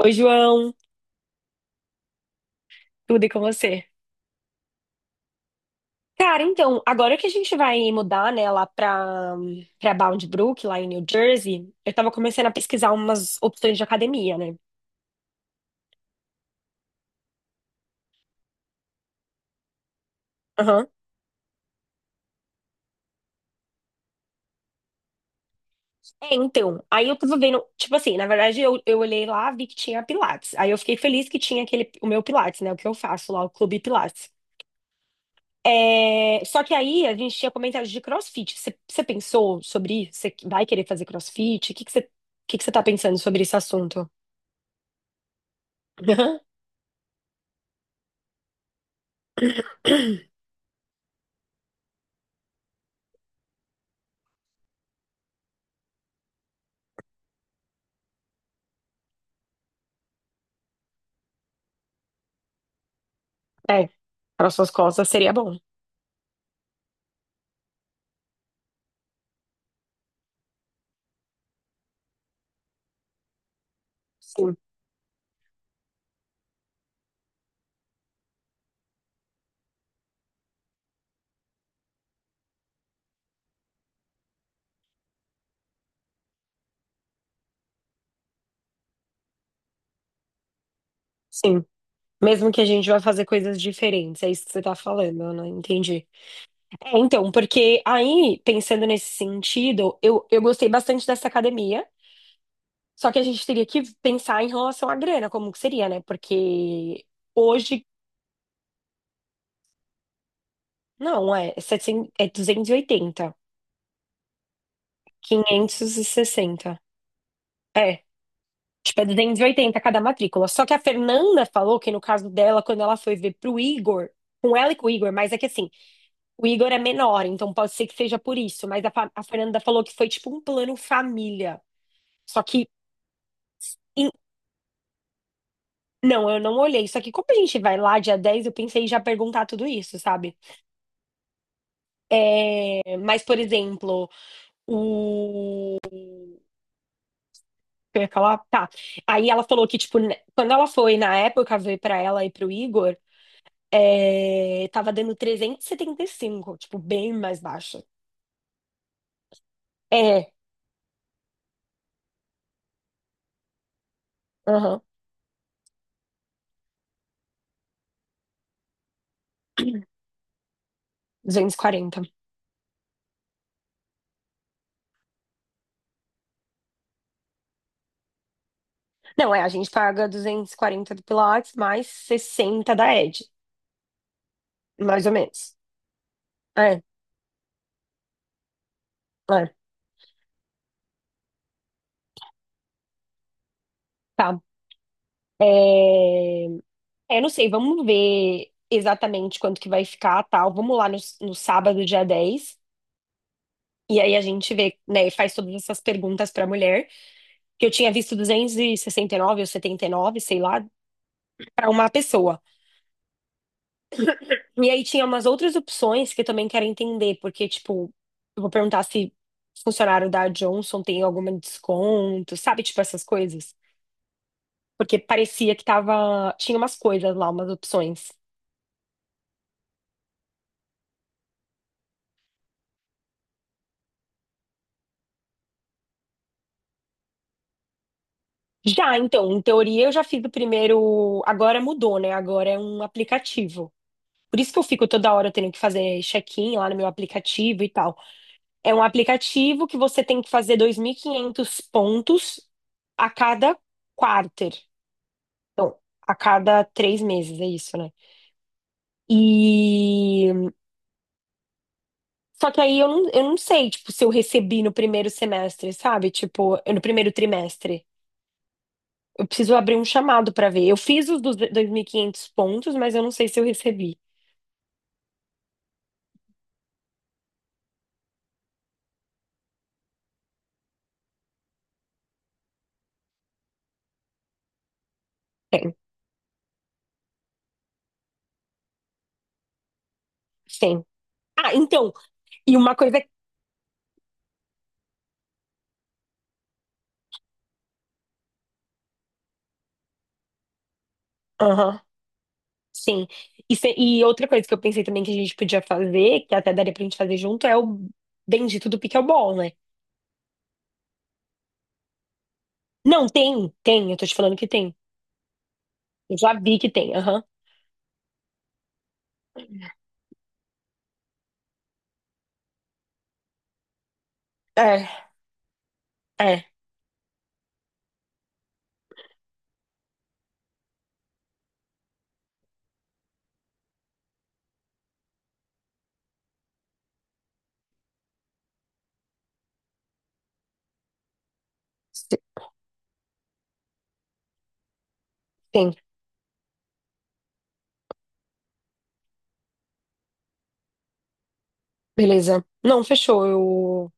Oi, João, tudo e com você? Cara, então, agora que a gente vai mudar, né, lá pra Bound Brook, lá em New Jersey, eu tava começando a pesquisar umas opções de academia, né? Aham. É, então, aí eu tava vendo, tipo assim, na verdade eu olhei lá, vi que tinha Pilates. Aí eu fiquei feliz que tinha aquele, o meu Pilates, né, o que eu faço lá, o Clube Pilates. É, só que aí a gente tinha comentado de CrossFit. Você pensou sobre isso? Você vai querer fazer CrossFit? O que que você tá pensando sobre esse assunto? Aham. É, para suas costas seria bom. Sim, sim. Mesmo que a gente vá fazer coisas diferentes, é isso que você tá falando, eu não entendi. É, então, porque aí, pensando nesse sentido, eu gostei bastante dessa academia, só que a gente teria que pensar em relação à grana, como que seria, né? Porque hoje, não, é, 700, é 280, 560. É. Tipo, é 280 cada matrícula. Só que a Fernanda falou que no caso dela, quando ela foi ver pro Igor, com ela e com o Igor, mas é que assim, o Igor é menor, então pode ser que seja por isso. Mas a Fernanda falou que foi tipo um plano família. Só que, em- não, eu não olhei. Só que como a gente vai lá dia 10, eu pensei em já perguntar tudo isso, sabe? É, mas, por exemplo, o. Eu ia falar, tá. Aí ela falou que, tipo, né, quando ela foi na época ver pra ela e pro Igor. É, tava dando 375, tipo, bem mais baixo. É, aham, 240. Não, é, a gente paga 240 do Pilates mais 60 da Ed, mais ou menos. É, é, tá. É, é, não sei, vamos ver exatamente quanto que vai ficar, tal. Vamos lá no sábado, dia 10. E aí a gente vê, né, e faz todas essas perguntas pra mulher, que eu tinha visto duzentos e sessenta e nove ou 79, sei lá, pra uma pessoa. E aí tinha umas outras opções que eu também quero entender, porque, tipo, eu vou perguntar se funcionário da Johnson tem algum desconto, sabe? Tipo, essas coisas. Porque parecia que tava. Tinha umas coisas lá, umas opções. Já, então, em teoria eu já fiz o primeiro. Agora mudou, né? Agora é um aplicativo. Por isso que eu fico toda hora tendo que fazer check-in lá no meu aplicativo e tal. É um aplicativo que você tem que fazer 2.500 pontos a cada quarter. Então, a cada 3 meses, é isso, né? E. Só que aí eu não sei, tipo, se eu recebi no primeiro semestre, sabe? Tipo, no primeiro trimestre. Eu preciso abrir um chamado pra ver. Eu fiz os dos 2.500 pontos, mas eu não sei se eu recebi. Tem, tem. Ah, então, e uma coisa. Aham, sim. E, e outra coisa que eu pensei também que a gente podia fazer, que até daria pra gente fazer junto, é o bendito do pickleball, né? Não, tem, tem. Eu tô te falando que tem. Eu já vi que tem. Aham. É, é. Si- Sim, beleza. Não, fechou. Eu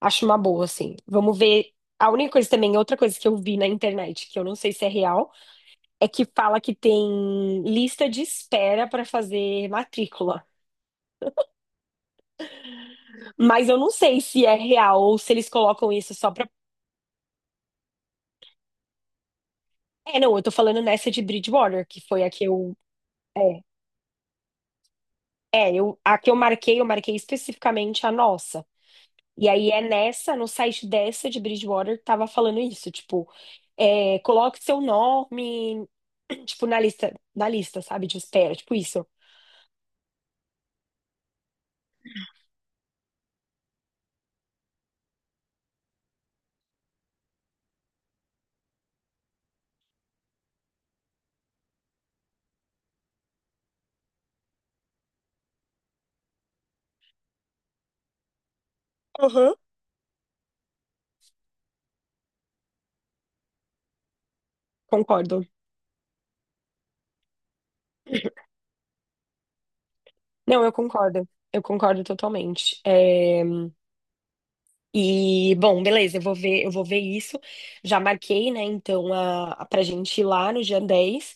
acho uma boa, assim. Vamos ver. A única coisa também, outra coisa que eu vi na internet, que eu não sei se é real, é que fala que tem lista de espera para fazer matrícula. Mas eu não sei se é real ou se eles colocam isso só para. É, não, eu tô falando nessa de Bridgewater, que foi a que eu. É, é, a que eu marquei especificamente a nossa. E aí é nessa, no site dessa de Bridgewater, que tava falando isso, tipo, é, coloque seu nome, tipo, na lista, sabe, de espera, tipo isso. Aham. Concordo. Não, eu concordo. Eu concordo totalmente. É. E, bom, beleza, eu vou ver isso. Já marquei, né? Então, pra gente ir lá no dia 10.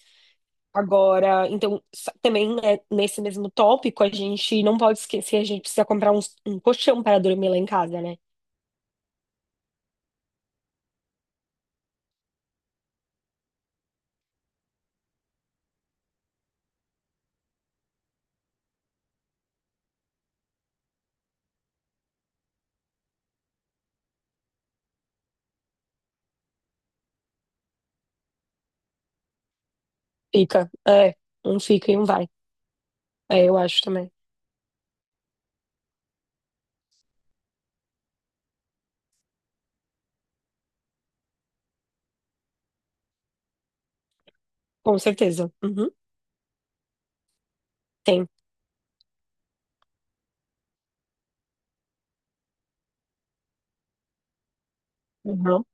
Agora, então, também, né, nesse mesmo tópico, a gente não pode esquecer, a gente precisa comprar um colchão para dormir lá em casa, né? Fica, é, um fica e um vai. É, eu acho também. Com certeza. Uhum, tem. Uhum.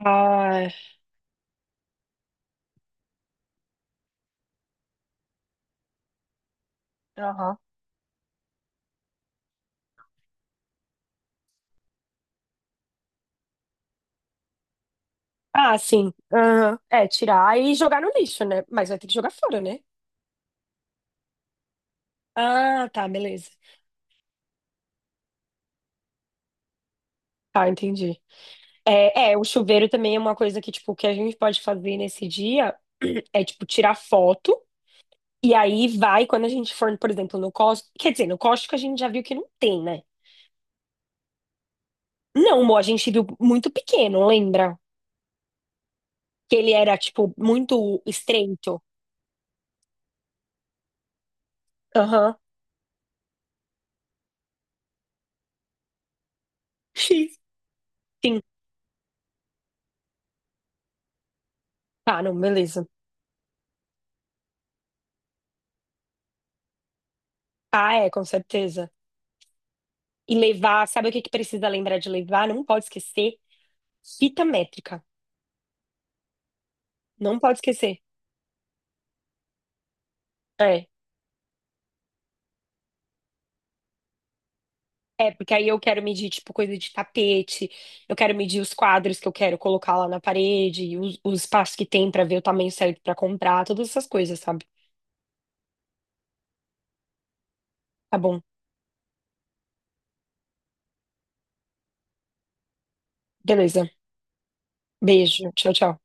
Ah, aham. Ah, sim. Aham. É, tirar e jogar no lixo, né? Mas vai ter que jogar fora, né? Ah, tá, beleza. Tá, entendi. É, é, o chuveiro também é uma coisa que, tipo, que a gente pode fazer nesse dia é, tipo, tirar foto e aí vai, quando a gente for, por exemplo, no Costco. Quer dizer, no Costco a gente já viu que não tem, né? Não, amor, a gente viu muito pequeno, lembra? Que ele era, tipo, muito estreito. Aham. X. Sim. Tá, não, beleza. Ah, é, com certeza. E levar, sabe o que que precisa lembrar de levar? Não pode esquecer. Fita métrica. Não pode esquecer. É. É, porque aí eu quero medir, tipo, coisa de tapete, eu quero medir os quadros que eu quero colocar lá na parede, o espaço que tem pra ver o tamanho certo pra comprar, todas essas coisas, sabe? Tá bom. Beleza. Beijo. Tchau, tchau.